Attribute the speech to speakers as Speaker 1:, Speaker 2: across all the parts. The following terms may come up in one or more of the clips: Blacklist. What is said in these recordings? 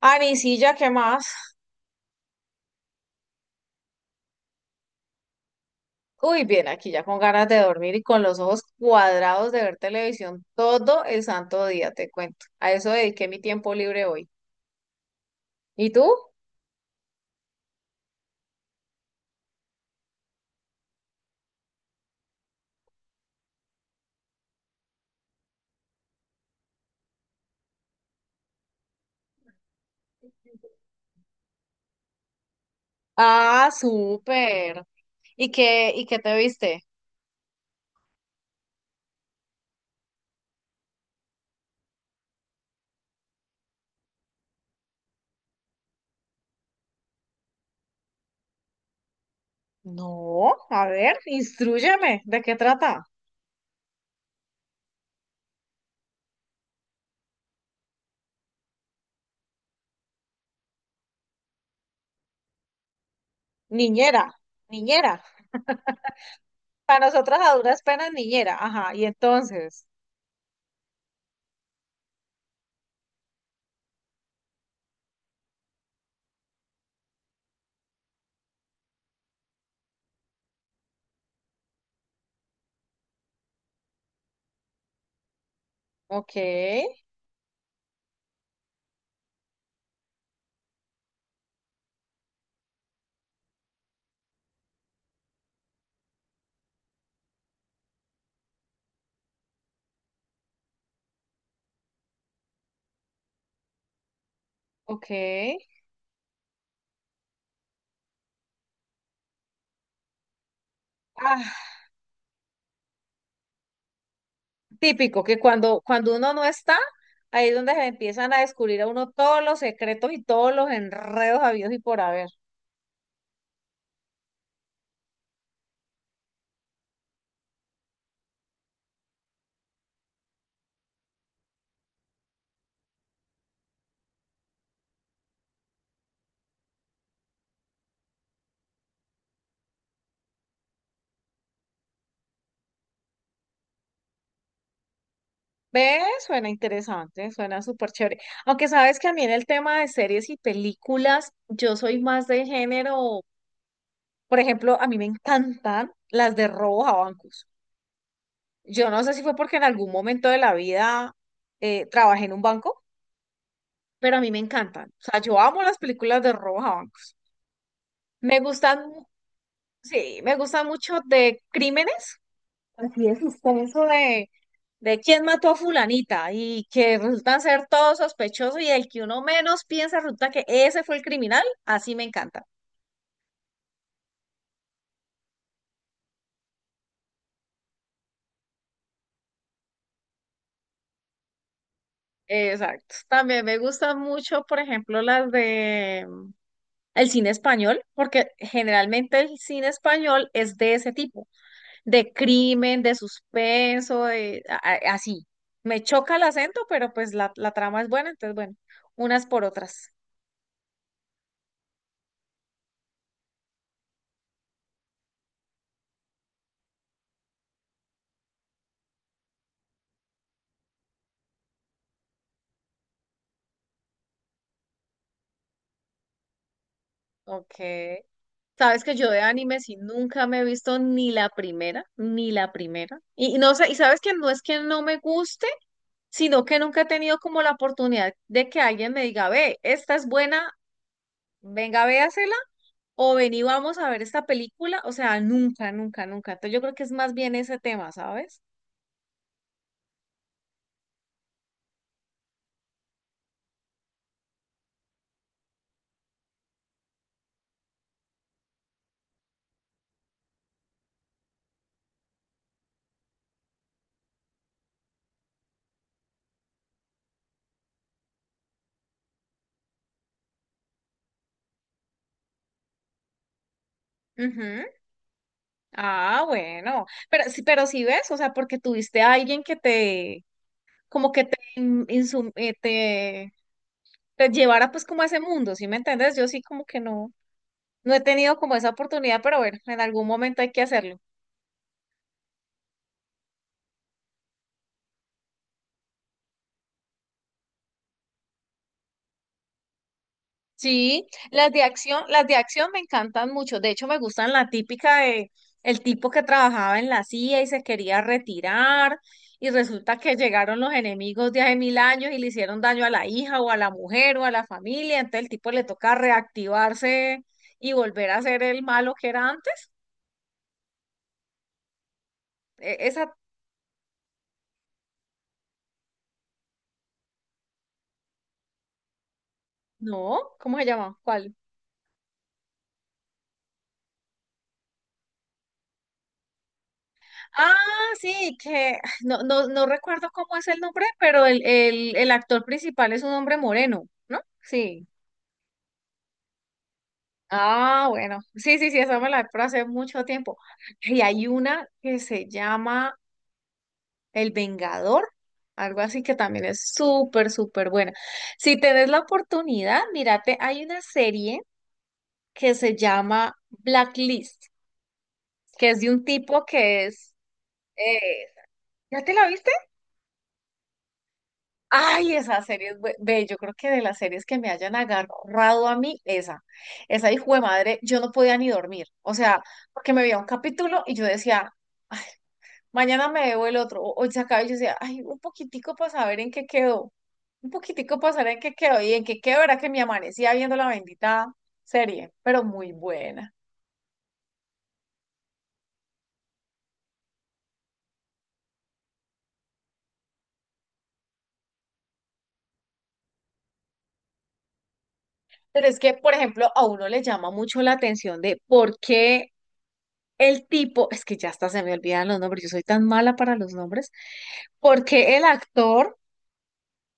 Speaker 1: Anisilla, ¿qué más? Uy, bien, aquí ya con ganas de dormir y con los ojos cuadrados de ver televisión todo el santo día, te cuento. A eso dediqué mi tiempo libre hoy. ¿Y tú? Ah, súper. Y qué te viste? No, a ver, instrúyeme, ¿de qué trata? Niñera, niñera. Para nosotras a duras penas, niñera. Ajá, y entonces. Ok, ok. Ah, típico, que cuando uno no está, ahí es donde se empiezan a descubrir a uno todos los secretos y todos los enredos habidos y por haber. ¿Ves? Suena interesante, suena súper chévere. Aunque sabes que a mí en el tema de series y películas, yo soy más de género, por ejemplo, a mí me encantan las de robos a bancos. Yo no sé si fue porque en algún momento de la vida trabajé en un banco, pero a mí me encantan. O sea, yo amo las películas de robos a bancos. Me gustan sí, me gusta mucho de crímenes, así de suspenso de quién mató a fulanita y que resultan ser todos sospechosos y el que uno menos piensa resulta que ese fue el criminal, así me encanta. Exacto. También me gustan mucho, por ejemplo, las de el cine español, porque generalmente el cine español es de ese tipo, de crimen, de suspenso, de así. Me choca el acento, pero pues la trama es buena, entonces bueno, unas por otras. Ok. Sabes que yo de anime sí nunca me he visto ni la primera, ni la primera. Y no sé, y sabes que no es que no me guste, sino que nunca he tenido como la oportunidad de que alguien me diga, ve, esta es buena, venga, véasela, o ven y vamos a ver esta película. O sea, nunca, nunca, nunca. Entonces yo creo que es más bien ese tema, ¿sabes? Ujú. Ah, bueno. Pero sí ves, o sea, porque tuviste a alguien que te, como que te, te te llevara pues como a ese mundo, ¿sí me entiendes? Yo sí como que no, no he tenido como esa oportunidad, pero bueno, en algún momento hay que hacerlo. Sí, las de acción me encantan mucho. De hecho, me gustan la típica de el tipo que trabajaba en la CIA y se quería retirar y resulta que llegaron los enemigos de hace mil años y le hicieron daño a la hija o a la mujer o a la familia. Entonces el tipo le toca reactivarse y volver a ser el malo que era antes. Esa, no, ¿cómo se llama? ¿Cuál? Ah, sí, que ah, no, no, no recuerdo cómo es el nombre, pero el actor principal es un hombre moreno, ¿no? Sí. Ah, bueno. Sí, sí, sí, esa me la por hace mucho tiempo. Y hay una que se llama El Vengador, algo así que también es súper, súper buena. Si tenés la oportunidad, mírate, hay una serie que se llama Blacklist, que es de un tipo que es... eh, ¿ya te la viste? Ay, esa serie es ve, yo creo que de las series que me hayan agarrado a mí, esa hijo de madre, yo no podía ni dormir, o sea, porque me veía un capítulo y yo decía, "Ay, mañana me veo el otro, o hoy se acaba", y yo decía, ay, un poquitico para saber en qué quedó, un poquitico para saber en qué quedó, y en qué quedó era que me amanecía viendo la bendita serie, pero muy buena. Pero es que, por ejemplo, a uno le llama mucho la atención de por qué el tipo, es que ya hasta se me olvidan los nombres, yo soy tan mala para los nombres, porque el actor,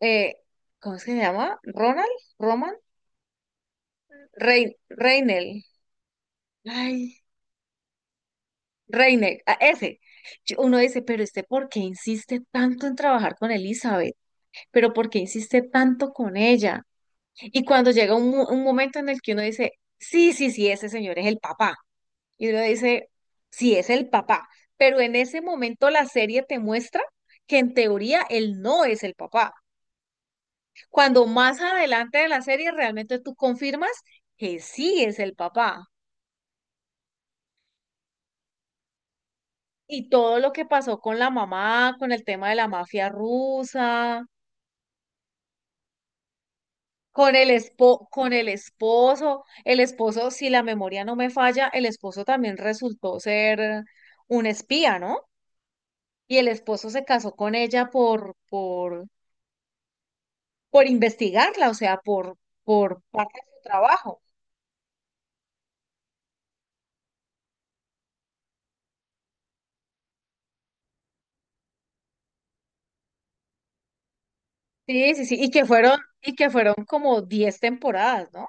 Speaker 1: eh, ¿cómo es que se llama? Ronald, Roman, Reinel, ay, Reinel, a ese. Uno dice, pero este, ¿por qué insiste tanto en trabajar con Elizabeth? ¿Pero por qué insiste tanto con ella? Y cuando llega un momento en el que uno dice, sí, sí, sí, ese señor es el papá. Y uno dice, sí, es el papá, pero en ese momento la serie te muestra que en teoría él no es el papá. Cuando más adelante de la serie realmente tú confirmas que sí es el papá. Y todo lo que pasó con la mamá, con el tema de la mafia rusa, con con el esposo, si la memoria no me falla, el esposo también resultó ser un espía, ¿no? Y el esposo se casó con ella por investigarla, o sea, por parte de su trabajo. Sí, sí, sí, y que fueron como 10 temporadas, ¿no?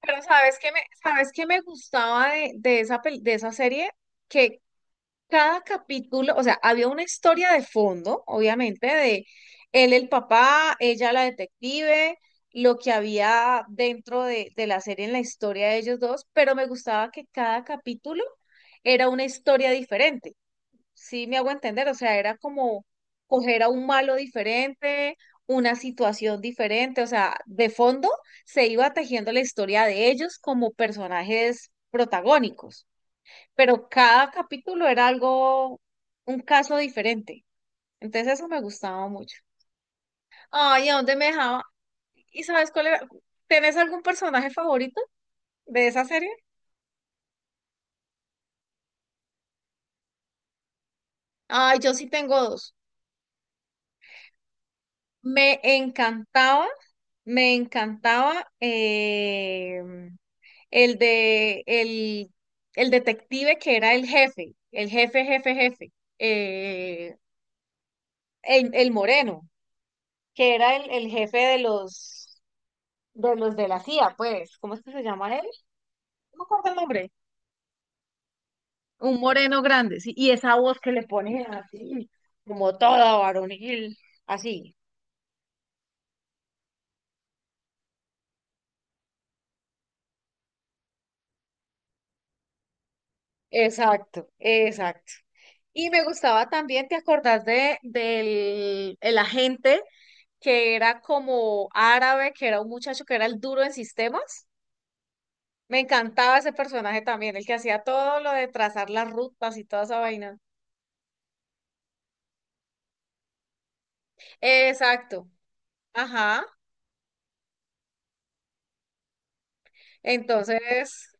Speaker 1: Pero sabes qué me gustaba de esa, de esa serie, que cada capítulo, o sea, había una historia de fondo, obviamente, de él el papá, ella la detective, lo que había dentro de la serie en la historia de ellos dos, pero me gustaba que cada capítulo era una historia diferente. Sí, me hago entender, o sea, era como coger a un malo diferente, una situación diferente, o sea, de fondo se iba tejiendo la historia de ellos como personajes protagónicos, pero cada capítulo era algo, un caso diferente. Entonces eso me gustaba mucho. Ay, ¿a dónde me dejaba? ¿Y sabes cuál era? ¿Tenés algún personaje favorito de esa serie? Ay, yo sí tengo dos. Me encantaba, me encantaba el de el detective que era el jefe, jefe, eh, el moreno, que era el jefe de los de la CIA, pues, ¿cómo es que se llama él? No me acuerdo el nombre. Un moreno grande, sí, y esa voz que le ponen así, como toda varonil, así. Exacto, exacto. Y me gustaba también, ¿te acordás de, del el agente que era como árabe, que era un muchacho que era el duro en sistemas? Me encantaba ese personaje también, el que hacía todo lo de trazar las rutas y toda esa vaina. Exacto, ajá. Entonces,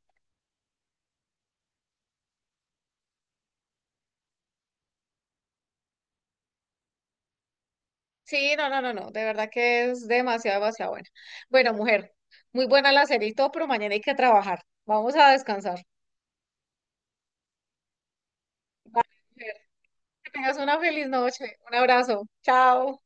Speaker 1: sí, no, no, no, no, de verdad que es demasiado, demasiado buena. Bueno, mujer, muy buena la serie y todo, pero mañana hay que trabajar. Vamos a descansar. Vale, mujer, que tengas una feliz noche. Un abrazo. Chao.